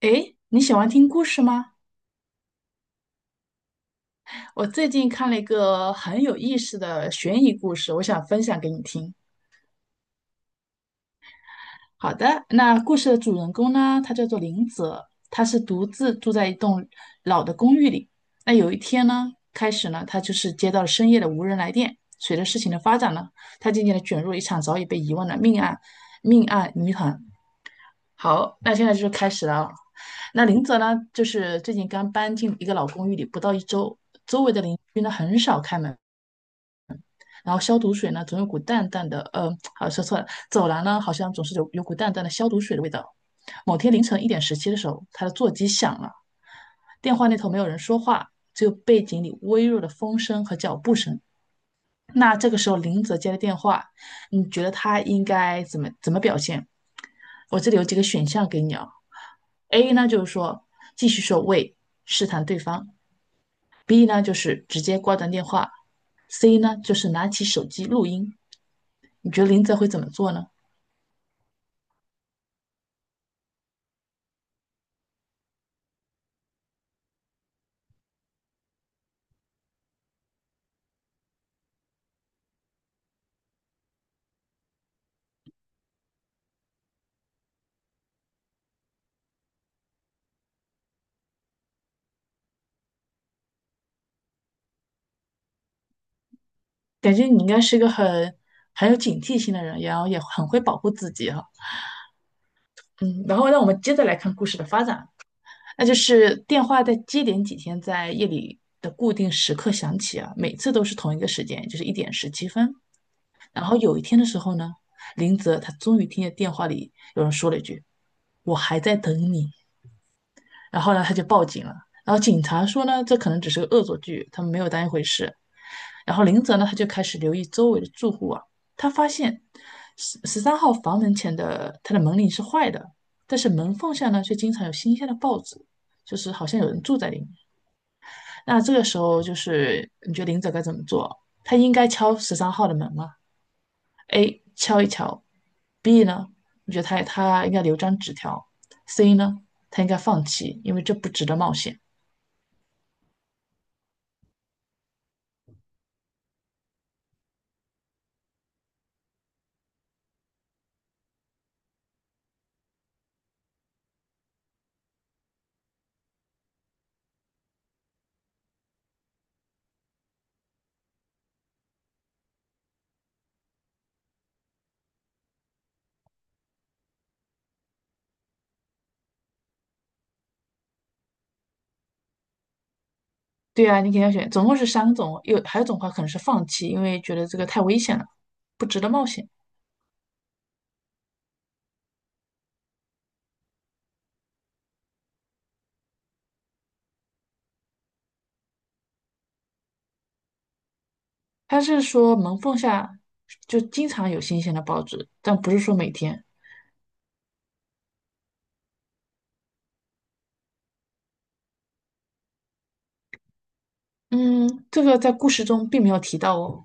诶，你喜欢听故事吗？我最近看了一个很有意思的悬疑故事，我想分享给你听。好的，那故事的主人公呢，他叫做林泽，他是独自住在一栋老的公寓里。那有一天呢，开始呢，他就是接到了深夜的无人来电。随着事情的发展呢，他渐渐地卷入了一场早已被遗忘的命案谜团。好，那现在就是开始了啊。那林泽呢，就是最近刚搬进一个老公寓里，不到一周，周围的邻居呢很少开门，然后消毒水呢总有股淡淡的，好说错了，走廊呢好像总是有股淡淡的消毒水的味道。某天凌晨一点十七的时候，他的座机响了，电话那头没有人说话，只有背景里微弱的风声和脚步声。那这个时候林泽接了电话，你觉得他应该怎么表现？我这里有几个选项给你啊，A 呢就是说继续说喂试探对方，B 呢就是直接挂断电话，C 呢就是拿起手机录音。你觉得林泽会怎么做呢？感觉你应该是一个很有警惕性的人，然后也很会保护自己哈。嗯，然后让我们接着来看故事的发展。那就是电话在接连几天在夜里的固定时刻响起啊，每次都是同一个时间，就是一点十七分。然后有一天的时候呢，林泽他终于听见电话里有人说了一句：“我还在等你。”然后呢，他就报警了。然后警察说呢，这可能只是个恶作剧，他们没有当一回事。然后林泽呢，他就开始留意周围的住户啊，他发现十三号房门前的他的门铃是坏的，但是门缝下呢却经常有新鲜的报纸，就是好像有人住在里面。那这个时候就是你觉得林泽该怎么做？他应该敲十三号的门吗？A 敲一敲，B 呢？你觉得他应该留张纸条？C 呢？他应该放弃，因为这不值得冒险。对啊，你肯定要选，总共是三种，有还有一种话可能是放弃，因为觉得这个太危险了，不值得冒险。他是说门缝下就经常有新鲜的报纸，但不是说每天。嗯，这个在故事中并没有提到哦。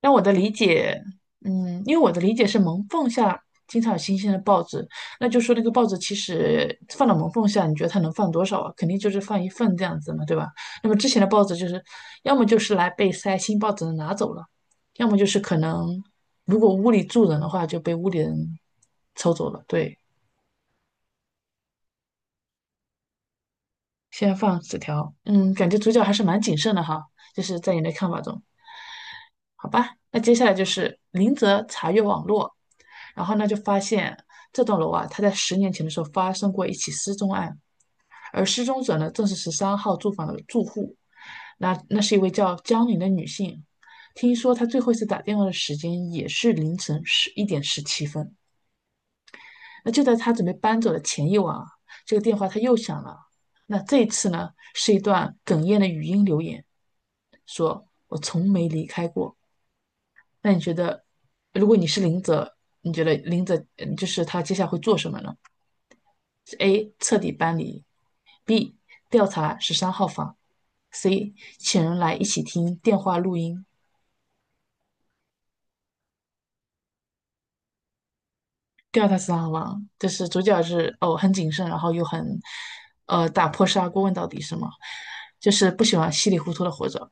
让我的理解，因为我的理解是门缝下经常有新鲜的报纸，那就说那个报纸其实放到门缝下，你觉得它能放多少啊？肯定就是放一份这样子嘛，对吧？那么之前的报纸就是要么就是来被塞新报纸的拿走了，要么就是可能如果屋里住人的话就被屋里人抽走了。对，先放纸条，感觉主角还是蛮谨慎的哈，就是在你的看法中。好吧，那接下来就是林泽查阅网络，然后呢就发现这栋楼啊，他在10年前的时候发生过一起失踪案，而失踪者呢正是十三号住房的住户，那是一位叫江宁的女性，听说她最后一次打电话的时间也是凌晨11:17。那就在她准备搬走的前一晚啊，这个电话她又响了，那这一次呢是一段哽咽的语音留言，说我从没离开过。那你觉得，如果你是林泽，你觉得林泽就是他接下来会做什么呢？是 A 彻底搬离，B 调查十三号房，C 请人来一起听电话录音。调查十三号房就是主角是哦很谨慎，然后又很打破砂锅问到底是吗？就是不喜欢稀里糊涂的活着。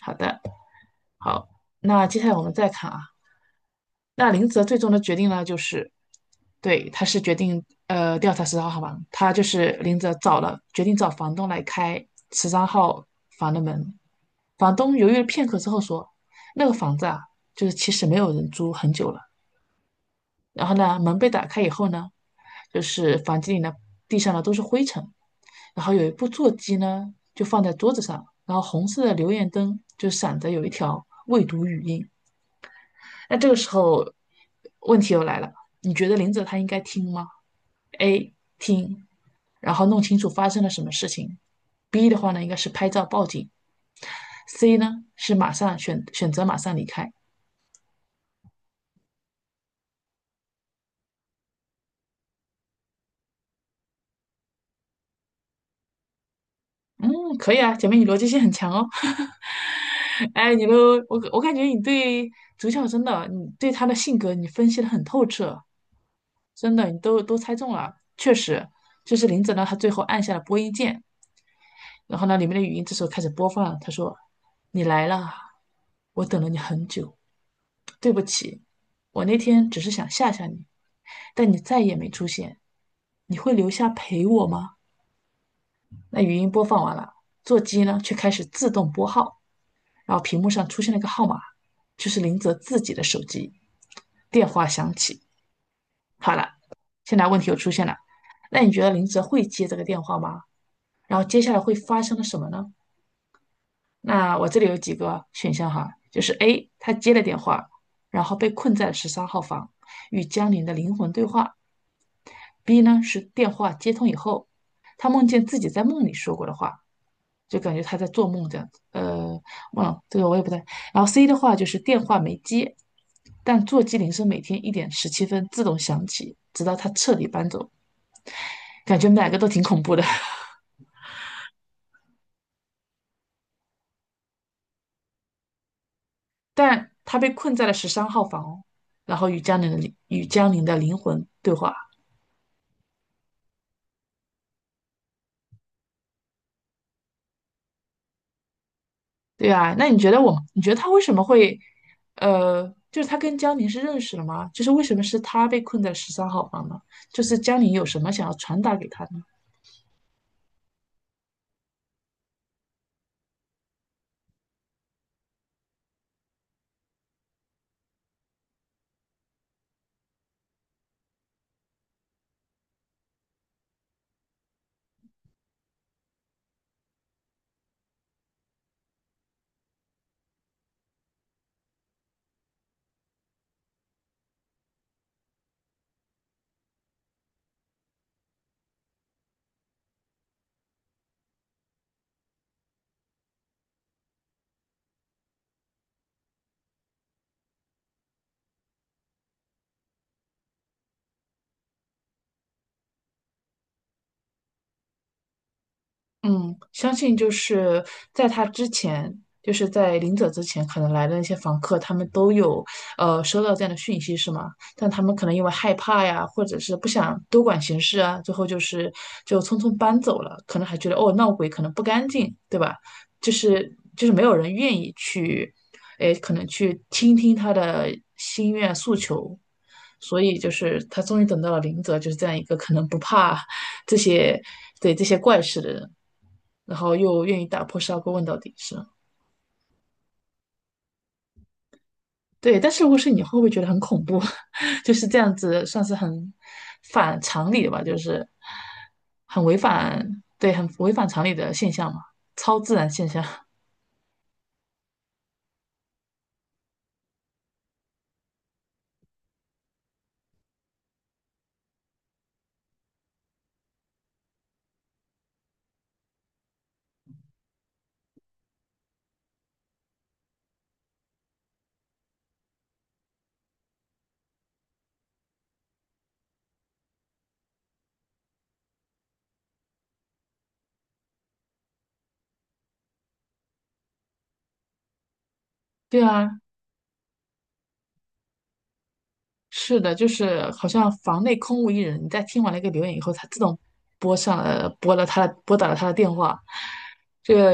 好的，好，那接下来我们再看啊，那林泽最终的决定呢，就是对，他是决定调查十三号房，他就是林泽找了决定找房东来开十三号房的门，房东犹豫了片刻之后说，那个房子啊，就是其实没有人租很久了。然后呢，门被打开以后呢，就是房间里呢，地上呢都是灰尘，然后有一部座机呢就放在桌子上，然后红色的留言灯就闪着有一条未读语音。那这个时候，问题又来了，你觉得林子他应该听吗？A 听，然后弄清楚发生了什么事情。B 的话呢，应该是拍照报警。C 呢是马上选择马上离开。嗯，可以啊，姐妹你逻辑性很强哦。哎，你都我我感觉你对主角真的，你对他的性格你分析的很透彻，真的你都猜中了。确实，就是林子呢，他最后按下了播音键，然后呢，里面的语音这时候开始播放了他说：“你来了，我等了你很久，对不起，我那天只是想吓吓你，但你再也没出现，你会留下陪我吗？”那语音播放完了，座机呢却开始自动拨号。然后屏幕上出现了一个号码，就是林泽自己的手机。电话响起，好了，现在问题又出现了，那你觉得林泽会接这个电话吗？然后接下来会发生了什么呢？那我这里有几个选项哈，就是 A，他接了电话，然后被困在了十三号房，与江林的灵魂对话；B 呢是电话接通以后，他梦见自己在梦里说过的话就感觉他在做梦这样子。忘了这个我也不太。然后 C 的话就是电话没接，但座机铃声每天一点十七分自动响起，直到他彻底搬走。感觉哪个都挺恐怖的。但他被困在了十三号房哦，然后与江宁的灵魂对话。对啊，那你觉得我，你觉得他为什么会，就是他跟江宁是认识了吗？就是为什么是他被困在十三号房呢？就是江宁有什么想要传达给他呢？嗯，相信就是在他之前，就是在临走之前，可能来的那些房客，他们都有收到这样的讯息，是吗？但他们可能因为害怕呀，或者是不想多管闲事啊，最后就匆匆搬走了，可能还觉得哦闹鬼可能不干净，对吧？就是没有人愿意去，诶，可能去倾听他的心愿诉求。所以就是他终于等到了林泽，就是这样一个可能不怕这些，对这些怪事的人。然后又愿意打破砂锅问到底，是吗对，但是如果是你，会不会觉得很恐怖？就是这样子，算是很反常理的吧，就是很违反，对，很违反常理的现象嘛，超自然现象。对啊，是的，就是好像房内空无一人。你在听完了一个留言以后，它自动拨打了他的电话，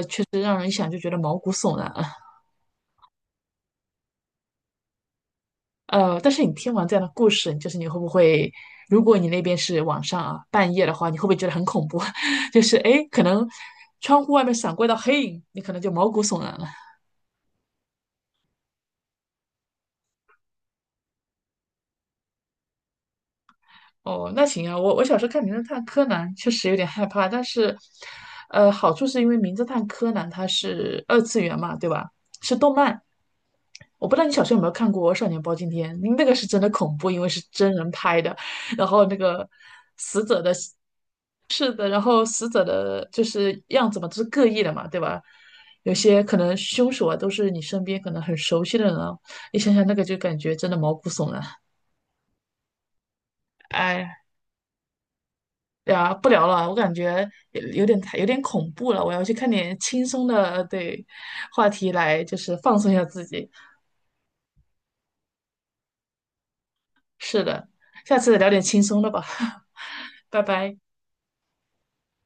就是让人一想就觉得毛骨悚然。但是你听完这样的故事，就是你会不会，如果你那边是晚上啊，半夜的话，你会不会觉得很恐怖？就是哎，诶可能窗户外面闪过一道黑影，你可能就毛骨悚然了。哦，那行啊，我小时候看《名侦探柯南》确实有点害怕，但是，好处是因为《名侦探柯南》它是二次元嘛，对吧？是动漫。我不知道你小时候有没有看过《少年包青天》，那个是真的恐怖，因为是真人拍的，然后那个死者的是的，然后死者的就是样子嘛，都是各异的嘛，对吧？有些可能凶手啊，都是你身边可能很熟悉的人啊，你想想那个就感觉真的毛骨悚然。哎呀，不聊了，我感觉有点太有点恐怖了，我要去看点轻松的，对，话题来就是放松一下自己。是的，下次聊点轻松的吧，拜拜。